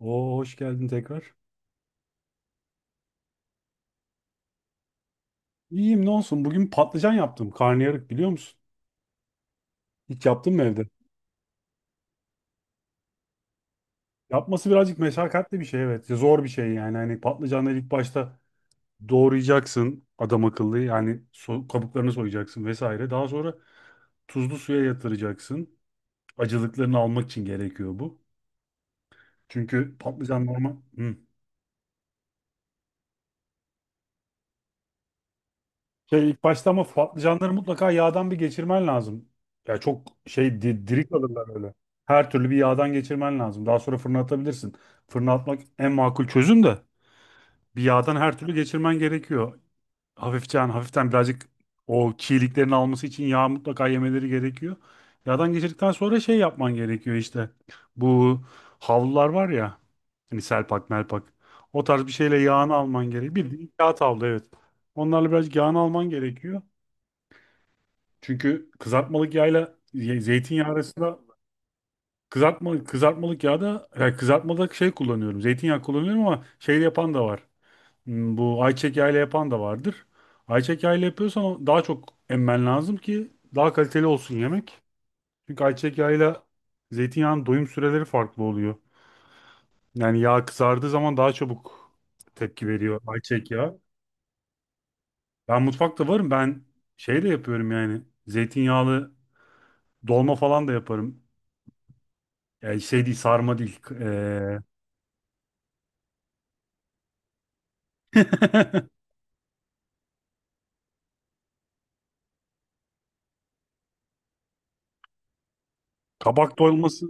Oo, hoş geldin tekrar. İyiyim ne olsun. Bugün patlıcan yaptım. Karnıyarık biliyor musun? Hiç yaptın mı evde? Yapması birazcık meşakkatli bir şey, evet. Zor bir şey yani. Hani patlıcanları ilk başta doğrayacaksın adam akıllı. Yani kabuklarını soyacaksın vesaire. Daha sonra tuzlu suya yatıracaksın. Acılıklarını almak için gerekiyor bu. Çünkü patlıcan normal... Hı. Şey, ilk başta ama patlıcanları mutlaka yağdan bir geçirmen lazım. Ya çok şey diri kalırlar öyle. Her türlü bir yağdan geçirmen lazım. Daha sonra fırına atabilirsin. Fırına atmak en makul çözüm de bir yağdan her türlü geçirmen gerekiyor. Hafiften hafiften birazcık o çiğliklerini alması için yağ mutlaka yemeleri gerekiyor. Yağdan geçirdikten sonra şey yapman gerekiyor işte. Bu havlular var ya, hani selpak melpak. O tarz bir şeyle yağını alman gerekiyor. Bildiğin kağıt havlu, evet. Onlarla birazcık yağını alman gerekiyor. Çünkü kızartmalık yağla zeytinyağı arasında kızartmalık yağda, yani kızartmada şey kullanıyorum. Zeytinyağı kullanıyorum ama şey yapan da var. Bu ayçiçek yağıyla yapan da vardır. Ayçiçek yağıyla yapıyorsan o daha çok emmen lazım ki daha kaliteli olsun yemek. Çünkü ayçiçek yağıyla zeytinyağının doyum süreleri farklı oluyor. Yani yağ kızardığı zaman daha çabuk tepki veriyor ayçiçek yağı. Ben mutfakta varım. Ben şey de yapıyorum yani. Zeytinyağlı dolma falan da yaparım. Yani şey değil, sarma değil. Kabak dolması.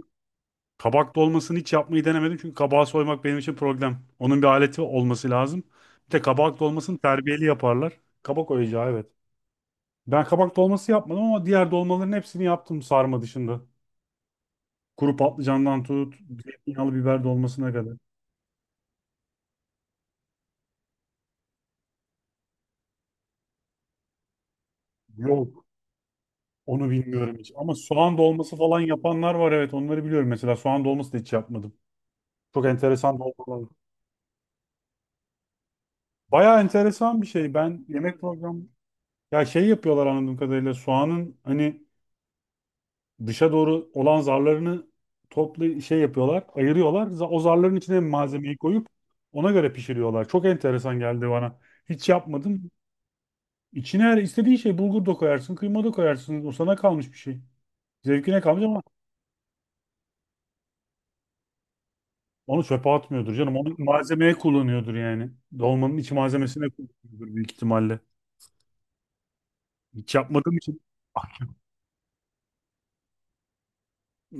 Kabak dolmasını hiç yapmayı denemedim çünkü kabağı soymak benim için problem. Onun bir aleti olması lazım. Bir de kabak dolmasını terbiyeli yaparlar. Kabak oyacağı, evet. Ben kabak dolması yapmadım ama diğer dolmaların hepsini yaptım, sarma dışında. Kuru patlıcandan tut, zeytinyağlı biber dolmasına kadar. Yok, onu bilmiyorum hiç. Ama soğan dolması falan yapanlar var, evet, onları biliyorum. Mesela soğan dolması da hiç yapmadım. Çok enteresan dolmalar. Bayağı enteresan bir şey. Ben yemek programı, ya şey yapıyorlar anladığım kadarıyla, soğanın hani dışa doğru olan zarlarını toplu şey yapıyorlar, ayırıyorlar. O zarların içine malzemeyi koyup ona göre pişiriyorlar. Çok enteresan geldi bana. Hiç yapmadım. İçine her istediğin şey, bulgur da koyarsın, kıyma da koyarsın. O sana kalmış bir şey. Zevkine kalmış ama onu çöpe atmıyordur canım. Onu malzemeye kullanıyordur yani. Dolmanın iç malzemesine kullanıyordur büyük ihtimalle. Hiç yapmadığım için.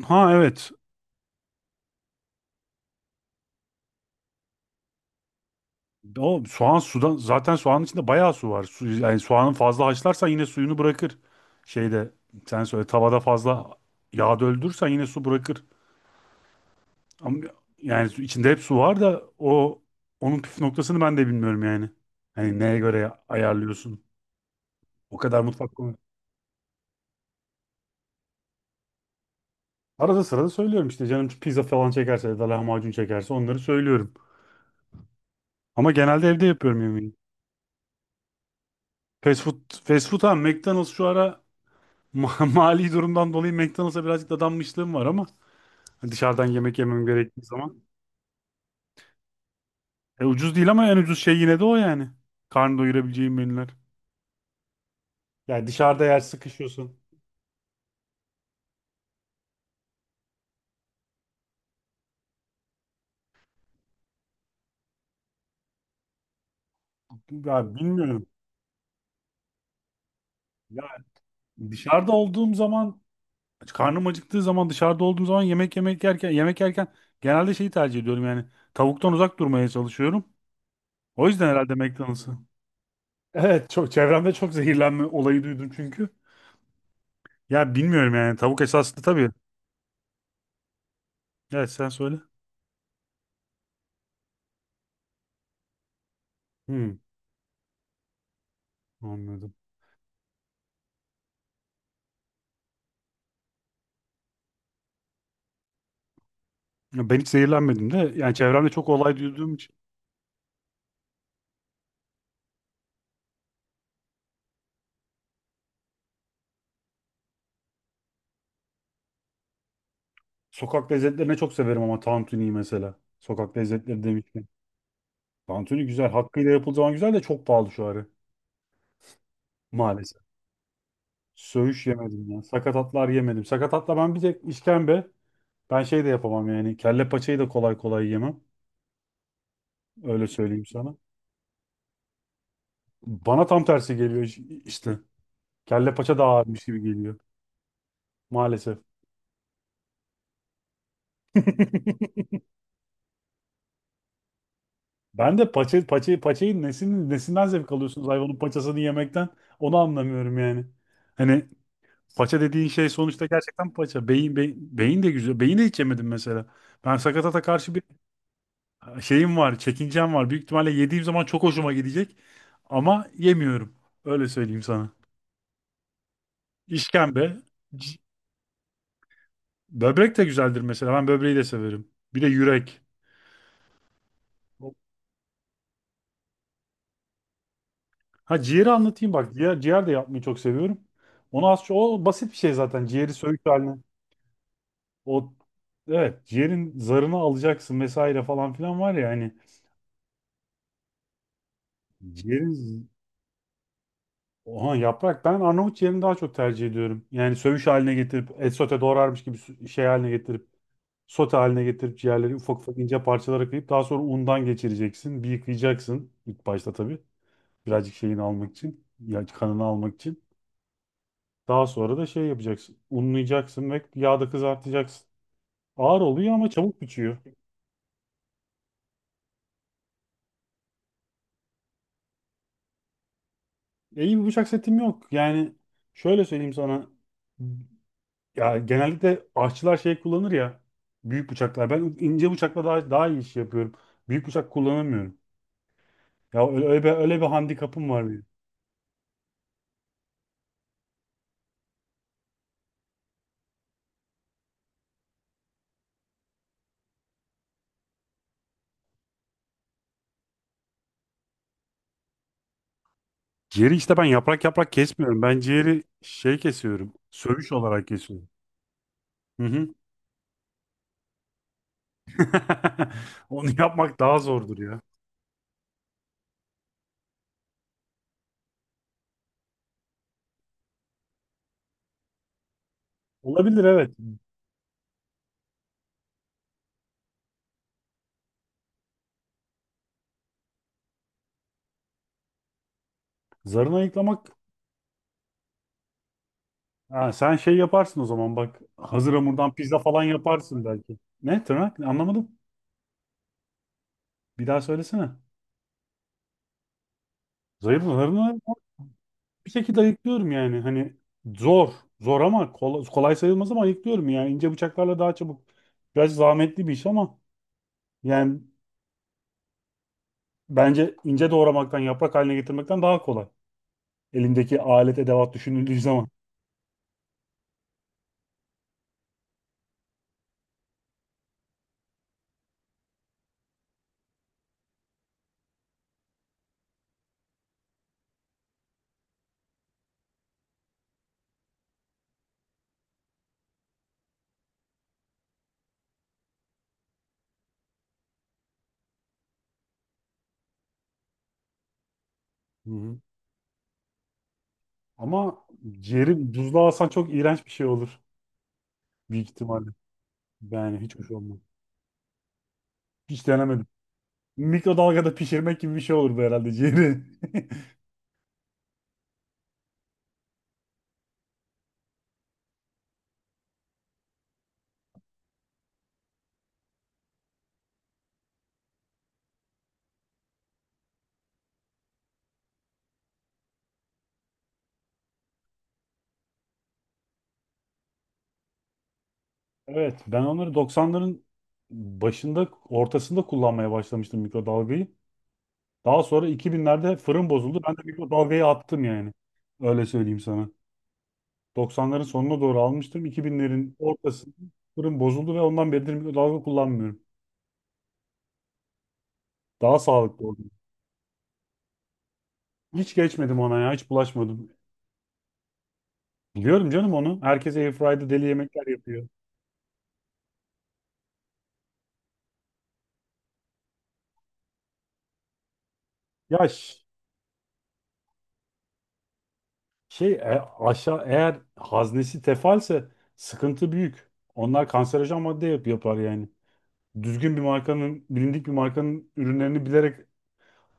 Ha, evet. O soğan sudan, zaten soğanın içinde bayağı su var. Su, yani soğanın fazla haşlarsan yine suyunu bırakır. Şeyde, sen söyle, tavada fazla yağ döldürürsen yine su bırakır. Ama yani içinde hep su var da o onun püf noktasını ben de bilmiyorum yani. Hani neye göre ayarlıyorsun? O kadar mutfak konu. Arada sırada söylüyorum işte canım, pizza falan çekerse ya da lahmacun çekerse onları söylüyorum. Ama genelde evde yapıyorum yemeği. Fast food ha, McDonald's şu ara mali durumdan dolayı McDonald's'a birazcık dadanmışlığım var ama hani dışarıdan yemek yemem gerektiği zaman. E, ucuz değil ama en ucuz şey yine de o yani. Karnı doyurabileceğin menüler. Yani dışarıda yer sıkışıyorsun. Ya bilmiyorum. Ya dışarıda olduğum zaman, karnım acıktığı zaman, dışarıda olduğum zaman, yemek yerken genelde şeyi tercih ediyorum yani, tavuktan uzak durmaya çalışıyorum. O yüzden herhalde McDonald's'ı. Evet, çok çevremde çok zehirlenme olayı duydum çünkü. Ya bilmiyorum yani, tavuk esaslı tabii. Evet, sen söyle. Hmm, anladım. Ya, ben hiç zehirlenmedim de yani çevremde çok olay duyduğum için. Sokak lezzetlerini çok severim ama tantuniyi mesela. Sokak lezzetleri demişken. Tantuni güzel. Hakkıyla yapıldığı zaman güzel de çok pahalı şu ara. Maalesef. Söğüş yemedim ya. Sakatatlar yemedim. Sakatatla ben bir tek işkembe. Ben şey de yapamam yani. Kelle paçayı da kolay kolay yemem. Öyle söyleyeyim sana. Bana tam tersi geliyor, işte. Kelle paça daha ağırmış gibi geliyor. Maalesef. Ben de paçayı, nesin nesinden zevk alıyorsunuz hayvanın paçasını yemekten? Onu anlamıyorum yani. Hani paça dediğin şey sonuçta gerçekten paça. Beyin de güzel. Beyin de hiç yemedim mesela. Ben sakatata karşı bir şeyim var, çekincem var. Büyük ihtimalle yediğim zaman çok hoşuma gidecek. Ama yemiyorum. Öyle söyleyeyim sana. İşkembe. c- Böbrek de güzeldir mesela. Ben böbreği de severim. Bir de yürek. Ha, ciğeri anlatayım bak. Ciğer de yapmayı çok seviyorum. Onu az çok, o basit bir şey zaten. Ciğeri söğüt haline. O, evet, ciğerin zarını alacaksın vesaire falan filan, var ya hani, ciğerin. Oha, yaprak ben Arnavut yerini daha çok tercih ediyorum. Yani sövüş haline getirip et sote doğrarmış gibi şey haline getirip, sote haline getirip ciğerleri ufak ufak ince parçalara kıyıp daha sonra undan geçireceksin. Bir yıkayacaksın ilk başta tabii. Birazcık şeyini almak için. Ya, kanını almak için. Daha sonra da şey yapacaksın. Unlayacaksın ve yağda kızartacaksın. Ağır oluyor ama çabuk bitiyor. E, iyi bir bıçak setim yok. Yani şöyle söyleyeyim sana. Ya genellikle aşçılar şey kullanır ya, büyük bıçaklar. Ben ince bıçakla daha iyi iş yapıyorum. Büyük bıçak kullanamıyorum. Ya, öyle bir handikapım var benim. Ciğeri işte ben yaprak yaprak kesmiyorum. Ben ciğeri şey kesiyorum, söğüş olarak kesiyorum. Hı hı. Onu yapmak daha zordur ya. Olabilir, evet. Zarını ayıklamak. Ha, sen şey yaparsın o zaman bak. Hazır hamurdan pizza falan yaparsın belki. Ne tırnak? Anlamadım. Bir daha söylesene. Zayıf zarını. Bir şekilde ayıklıyorum yani. Hani, zor. Zor ama kolay sayılmaz ama ayıklıyorum yani. İnce bıçaklarla daha çabuk. Biraz zahmetli bir iş ama yani bence ince doğramaktan, yaprak haline getirmekten daha kolay. Elindeki alet edevat düşünüldüğü zaman. Hı hı. Ama ciğeri buzluğa alsan çok iğrenç bir şey olur. Büyük ihtimalle. Yani hiç hoş olmaz. Hiç denemedim. Mikrodalgada pişirmek gibi bir şey olur bu herhalde, ciğeri. Evet, ben onları doksanların başında, ortasında kullanmaya başlamıştım, mikrodalgayı. Daha sonra 2000'lerde fırın bozuldu. Ben de mikrodalgayı attım yani. Öyle söyleyeyim sana. 90'ların sonuna doğru almıştım. 2000'lerin ortasında fırın bozuldu ve ondan beridir mikrodalga kullanmıyorum. Daha sağlıklı oldu. Hiç geçmedim ona ya. Hiç bulaşmadım. Biliyorum canım onu. Herkes airfryer'da deli yemekler yapıyor. Ya şey, aşağı eğer haznesi tefalse sıkıntı büyük. Onlar kanserojen madde yapar yani. Düzgün bir markanın, bilindik bir markanın ürünlerini bilerek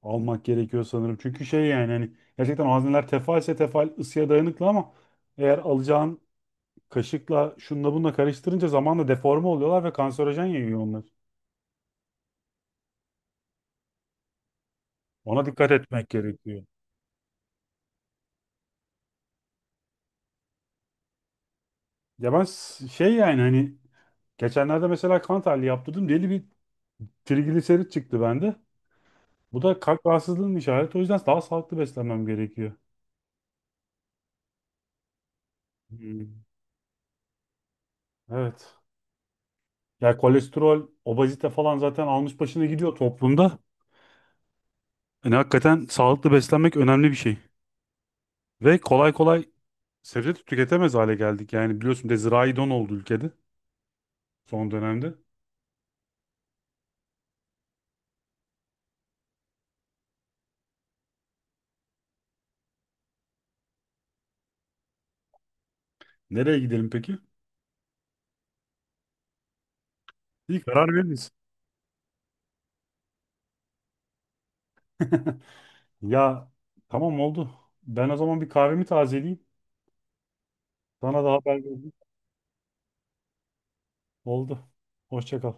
almak gerekiyor sanırım. Çünkü şey yani hani gerçekten malzemeler tefal ısıya dayanıklı ama eğer alacağın kaşıkla şunla bunla karıştırınca zamanla deforme oluyorlar ve kanserojen yayıyor onlar. Ona dikkat etmek gerekiyor. Ya ben şey yani hani geçenlerde mesela kan tahlili yaptırdım. Deli bir trigliserit çıktı bende. Bu da kalp rahatsızlığının işareti. O yüzden daha sağlıklı beslenmem gerekiyor. Hmm, evet. Ya kolesterol, obezite falan zaten almış başını gidiyor toplumda. Yani hakikaten sağlıklı beslenmek önemli bir şey. Ve kolay kolay sebze de tüketemez hale geldik. Yani biliyorsun, bir de zirai don oldu ülkede son dönemde. Nereye gidelim peki? İyi karar veririz. Ya, tamam oldu. Ben o zaman bir kahvemi tazeleyeyim. Sana da haber vereyim. Oldu. Hoşça kal.